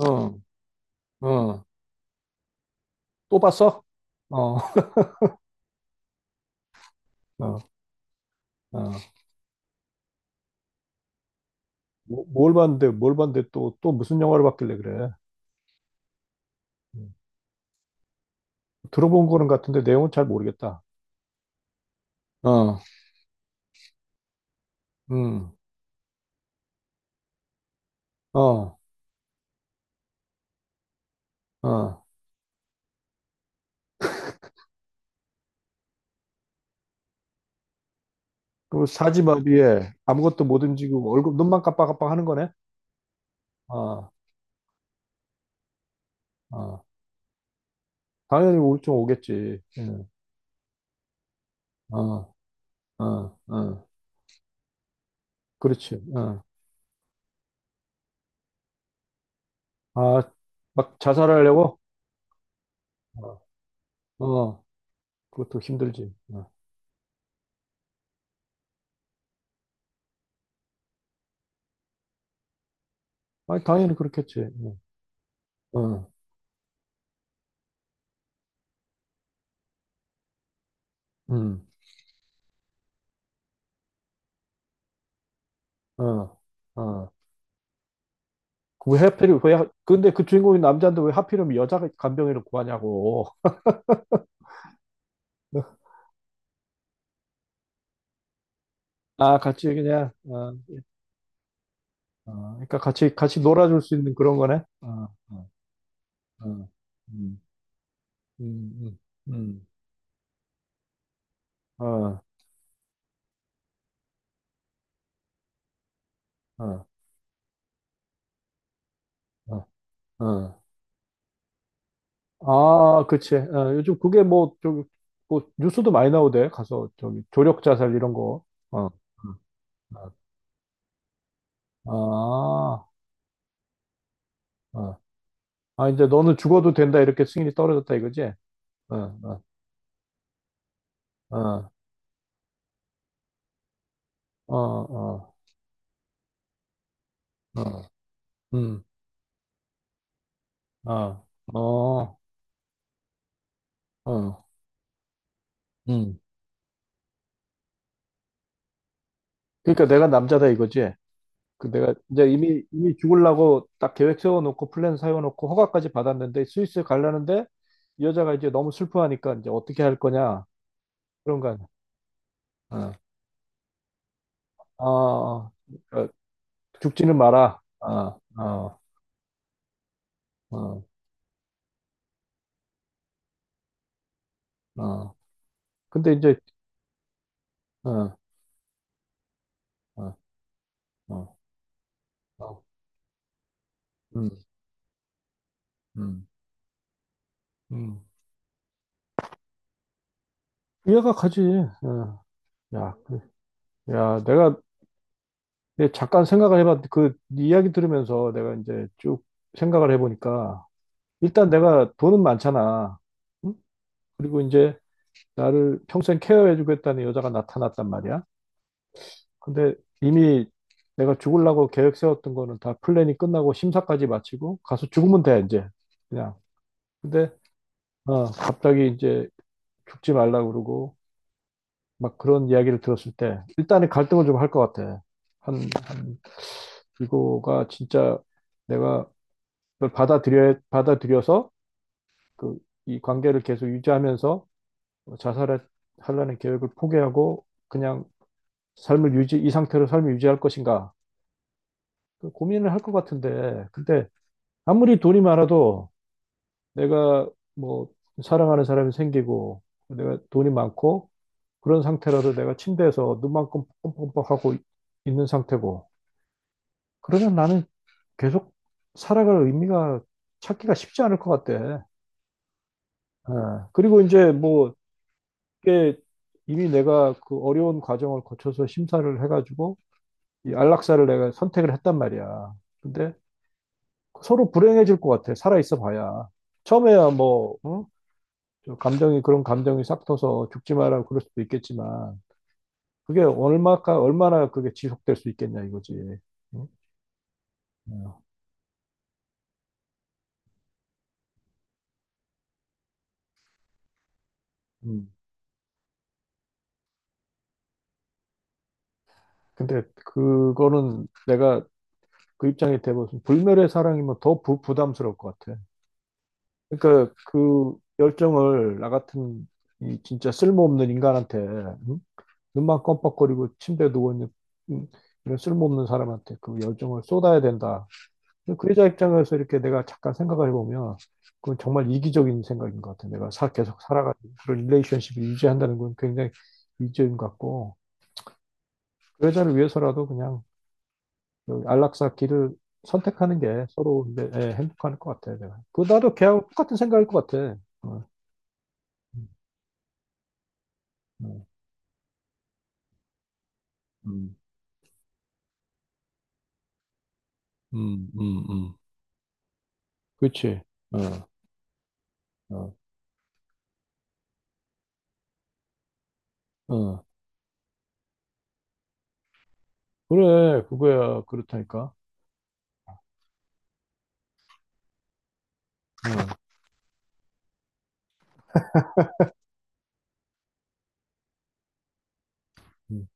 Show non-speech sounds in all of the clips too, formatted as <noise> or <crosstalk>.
어, 어, 또 봤어? 어, <laughs> 어, 어. 뭘 봤는데 또 무슨 영화를 봤길래 그래? 음. 들어본 거는 같은데 내용은 잘 모르겠다. 어, 음, 어, 어. 그리고 사지마비에 아무것도 못 움직이고 얼굴, 눈만 깜빡깜빡 하는 거네? 어, 어. 당연히 우울증 오겠지. 어, 어, 어. 그렇지. 어. 아, 막 자살하려고? 어, 어. 그것도 힘들지. 어. 아니, 당연히 그렇겠지. 어, 어. 음. 어, 어. 그 왜 하필이, 왜, 하- 근데 그 주인공이 남자인데 왜 하필이면 여자 간병인을 구하냐고. <laughs> 아, 같이 그냥, 어, 어, 그러니까 같이, 같이 놀아줄 수 있는 그런 거네. 어, 어, 어, 음, 음, 음, 음, 어, 어, 어, 어. 아, 그치. 어, 요즘 그게 뭐, 저기, 뭐, 뉴스도 많이 나오대. 가서, 저기, 조력 자살 이런 거. 어, 어, 어. 아, 어. 아, 이제 너는 죽어도 된다. 이렇게 승인이 떨어졌다 이거지? 어, 어, 어. 어, 어, 어, 음, 어, 어, 어, 음. 그러니까 내가 남자다 이거지. 그 내가 이제 이미 죽으려고 딱 계획 세워놓고 플랜 세워놓고 허가까지 받았는데 스위스 가려는데 이 여자가 이제 너무 슬퍼하니까 이제 어떻게 할 거냐 그런 거 아니야. 어, 어, 어. 그러니까 죽지는 마라. 어, 어, 어, 어. 근데 이제 어, 어, 어, 어. 음, 음, 음. 이해가 가지. 어. 야, 그- 야, 내가 근데 잠깐 생각을 해봤는데 그 이야기 들으면서 내가 이제 쭉 생각을 해보니까 일단 내가 돈은 많잖아. 응? 그리고 이제 나를 평생 케어해주겠다는 여자가 나타났단 말이야. 근데 이미 내가 죽으려고 계획 세웠던 거는 다 플랜이 끝나고 심사까지 마치고 가서 죽으면 돼, 이제. 그냥. 근데, 어, 갑자기 이제 죽지 말라 그러고 막 그런 이야기를 들었을 때 일단은 갈등을 좀 할 것 같아. 한, 한, 이거가 진짜 내가 그걸 받아들여서 그, 이 관계를 계속 유지하면서 자살을 하려는 계획을 포기하고 그냥 삶을 유지, 이 상태로 삶을 유지할 것인가 그 고민을 할 것 같은데 근데 아무리 돈이 많아도 내가 뭐 사랑하는 사람이 생기고 내가 돈이 많고 그런 상태라도 내가 침대에서 눈만 껌뻑껌뻑하고 있는 상태고 그러면 나는 계속 살아갈 의미가 찾기가 쉽지 않을 것 같대. 예. 그리고 이제 뭐 그게 이미 내가 그 어려운 과정을 거쳐서 심사를 해가지고 이 안락사를 내가 선택을 했단 말이야. 근데 서로 불행해질 것 같아. 살아 있어 봐야. 처음에야 뭐, 어? 저 감정이, 그런 감정이 싹 터서 죽지 마라 그럴 수도 있겠지만, 그게 얼마나 그게 지속될 수 있겠냐 이거지. 응? 어, 음. 근데 그거는 내가 그 입장에 대해서 불멸의 사랑이면 더 부담스러울 것 같아. 그러니까 그 열정을 나 같은 이 진짜 쓸모없는 인간한테 응? 눈만 껌뻑거리고 침대에 누워 있는 응? 이런 쓸모없는 사람한테 그 열정을 쏟아야 된다. 근데 그 여자 입장에서 이렇게 내가 잠깐 생각을 해보면 그건 정말 이기적인 생각인 것 같아. 내가 계속 살아가지고 그런 릴레이션십을 유지한다는 건 굉장히 이기적인 것 같고 그 여자를 위해서라도 그냥 여기 안락사 길을 선택하는 게 서로 이제, 예, 행복할 것 같아. 내가 그 나도 걔하고 똑같은 생각일 것 같아. 어. 음, 음. 음, 음, 음, 음. 그치. 어, 어, 어. 그래, 그거야. 그렇다니까. 어, 음.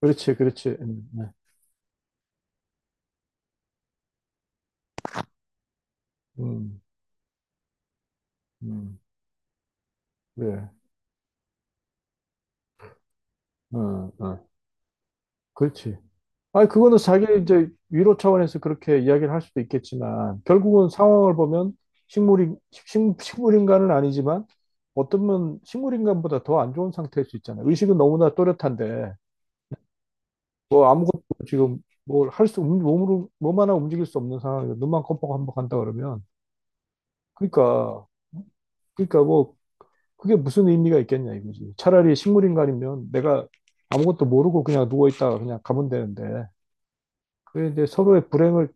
그렇지, 그렇지. 네. 음, 음. 그래. 어, 어. 그렇지. 아니, 그거는 자기 이제 위로 차원에서 그렇게 이야기를 할 수도 있겠지만, 결국은 상황을 보면 식물이, 식, 식물인간은 아니지만, 어쩌면 식물인간보다 더 안 좋은 상태일 수 있잖아요. 의식은 너무나 또렷한데, 뭐 아무것도 지금 뭘 할 수, 없는 몸으로, 몸 하나 움직일 수 없는 상황이고, 눈만 껌뻑껌뻑 한다 그러면, 그러니까, 그러니까 뭐, 그게 무슨 의미가 있겠냐 이거지. 차라리 식물인간이면 내가 아무것도 모르고 그냥 누워있다가 그냥 가면 되는데, 그게 이제 서로의 불행을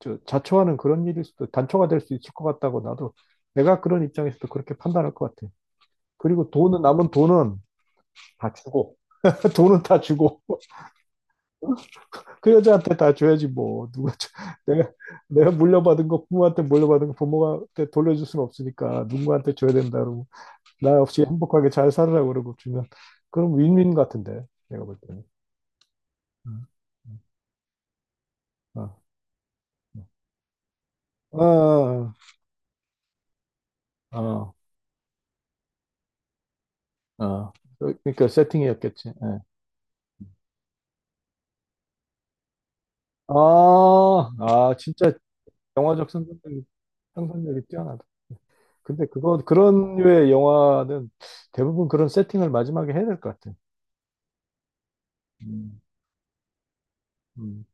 자초하는 그런 일일 수도, 단초가 될 수 있을 것 같다고 나도, 내가 그런 입장에서도 그렇게 판단할 것 같아. 그리고 돈은, 남은 돈은 다 주고, <laughs> 돈은 다 주고, 그 여자한테 다 줘야지 뭐 누가 <laughs> 내가 물려받은 거 부모한테 물려받은 거 부모한테 돌려줄 수는 없으니까 누구한테 줘야 된다 그러고 나 없이 행복하게 잘 살으라고 그러고 주면 그럼 윈윈 같은데 내가 볼 때는 음, 음, 어, 어, 어, 어, 어. 그러니까 세팅이었겠지 예. 아, 아 진짜 영화적 상상력이 뛰어나다 근데 그거 그런 류의 영화는 대부분 그런 세팅을 마지막에 해야 될 것 같아 음, 음.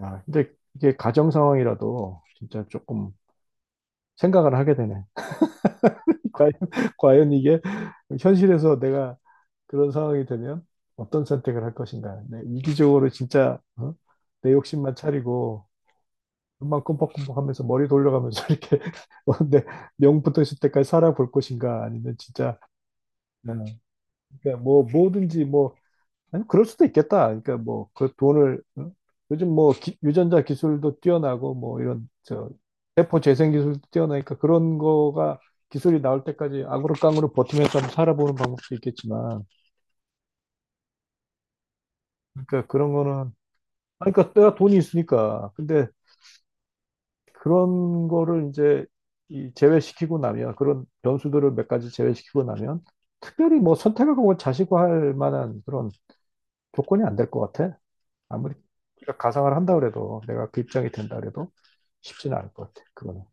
야, 근데 이게 가정 상황이라도 진짜 조금 생각을 하게 되네. <laughs> 과연, 과연 이게 현실에서 내가 그런 상황이 되면 어떤 선택을 할 것인가. 네, 이기적으로 진짜 어? 내 욕심만 차리고 눈만 끔뻑끔뻑 하면서 머리 돌려가면서 <laughs> 이렇게 어, 내 명부터 있을 때까지 살아볼 것인가 아니면 진짜 어, 그러니까 뭐든지 뭐 아니, 그럴 수도 있겠다. 그러니까 뭐, 그 돈을, 응? 요즘 뭐, 유전자 기술도 뛰어나고, 뭐, 이런, 저, 세포 재생 기술도 뛰어나니까 그런 거가 기술이 나올 때까지 아그로깡으로 버티면서 한번 살아보는 방법도 있겠지만, 그러니까 그런 거는, 아니, 그러니까 내가 돈이 있으니까. 근데 그런 거를 이제 이 제외시키고 나면, 그런 변수들을 몇 가지 제외시키고 나면, 특별히 뭐 선택하고 자시고 할 만한 그런 조건이 안 될 것 같아. 아무리 우리가 가상을 한다 그래도 내가 그 입장이 된다 그래도 쉽지는 않을 것 같아. 그거는.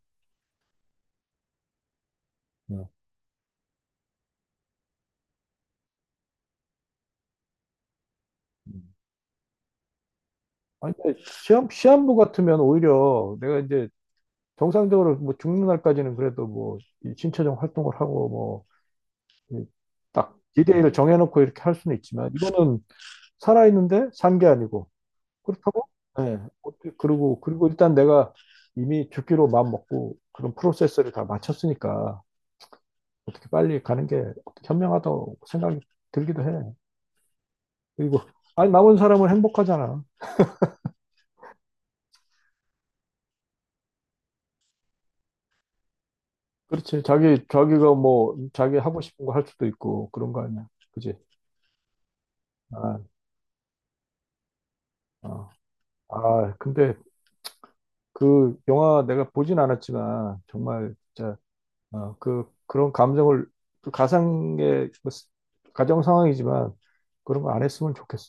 음. 음. 아니 근데 시험부 같으면 오히려 내가 이제 정상적으로 뭐 죽는 날까지는 그래도 뭐이 신체적 활동을 하고 뭐딱 디데이를 정해놓고 이렇게 할 수는 있지만 이거는 살아있는데 산 게 아니고 그렇다고 네. 어떻게 그리고 일단 내가 이미 죽기로 마음 먹고 그런 프로세스를 다 마쳤으니까 어떻게 빨리 가는 게 현명하다고 생각이 들기도 해. 그리고 아니 남은 사람은 행복하잖아. 그렇지. 자기가 뭐 자기 하고 싶은 거 할 수도 있고 그런 거 아니야. 그지? 아, 어. 아, 근데 그 영화 내가 보진 않았지만 정말 진짜 어, 그 그런 감정을 그 가상의 그 가정 상황이지만 그런 거 안 했으면 좋겠어.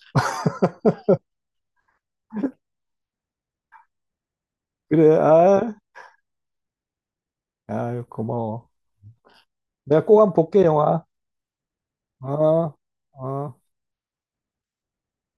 그래. 아, 아유, 고마워. 내가 꼭 한번 볼게 영화. 어, 어.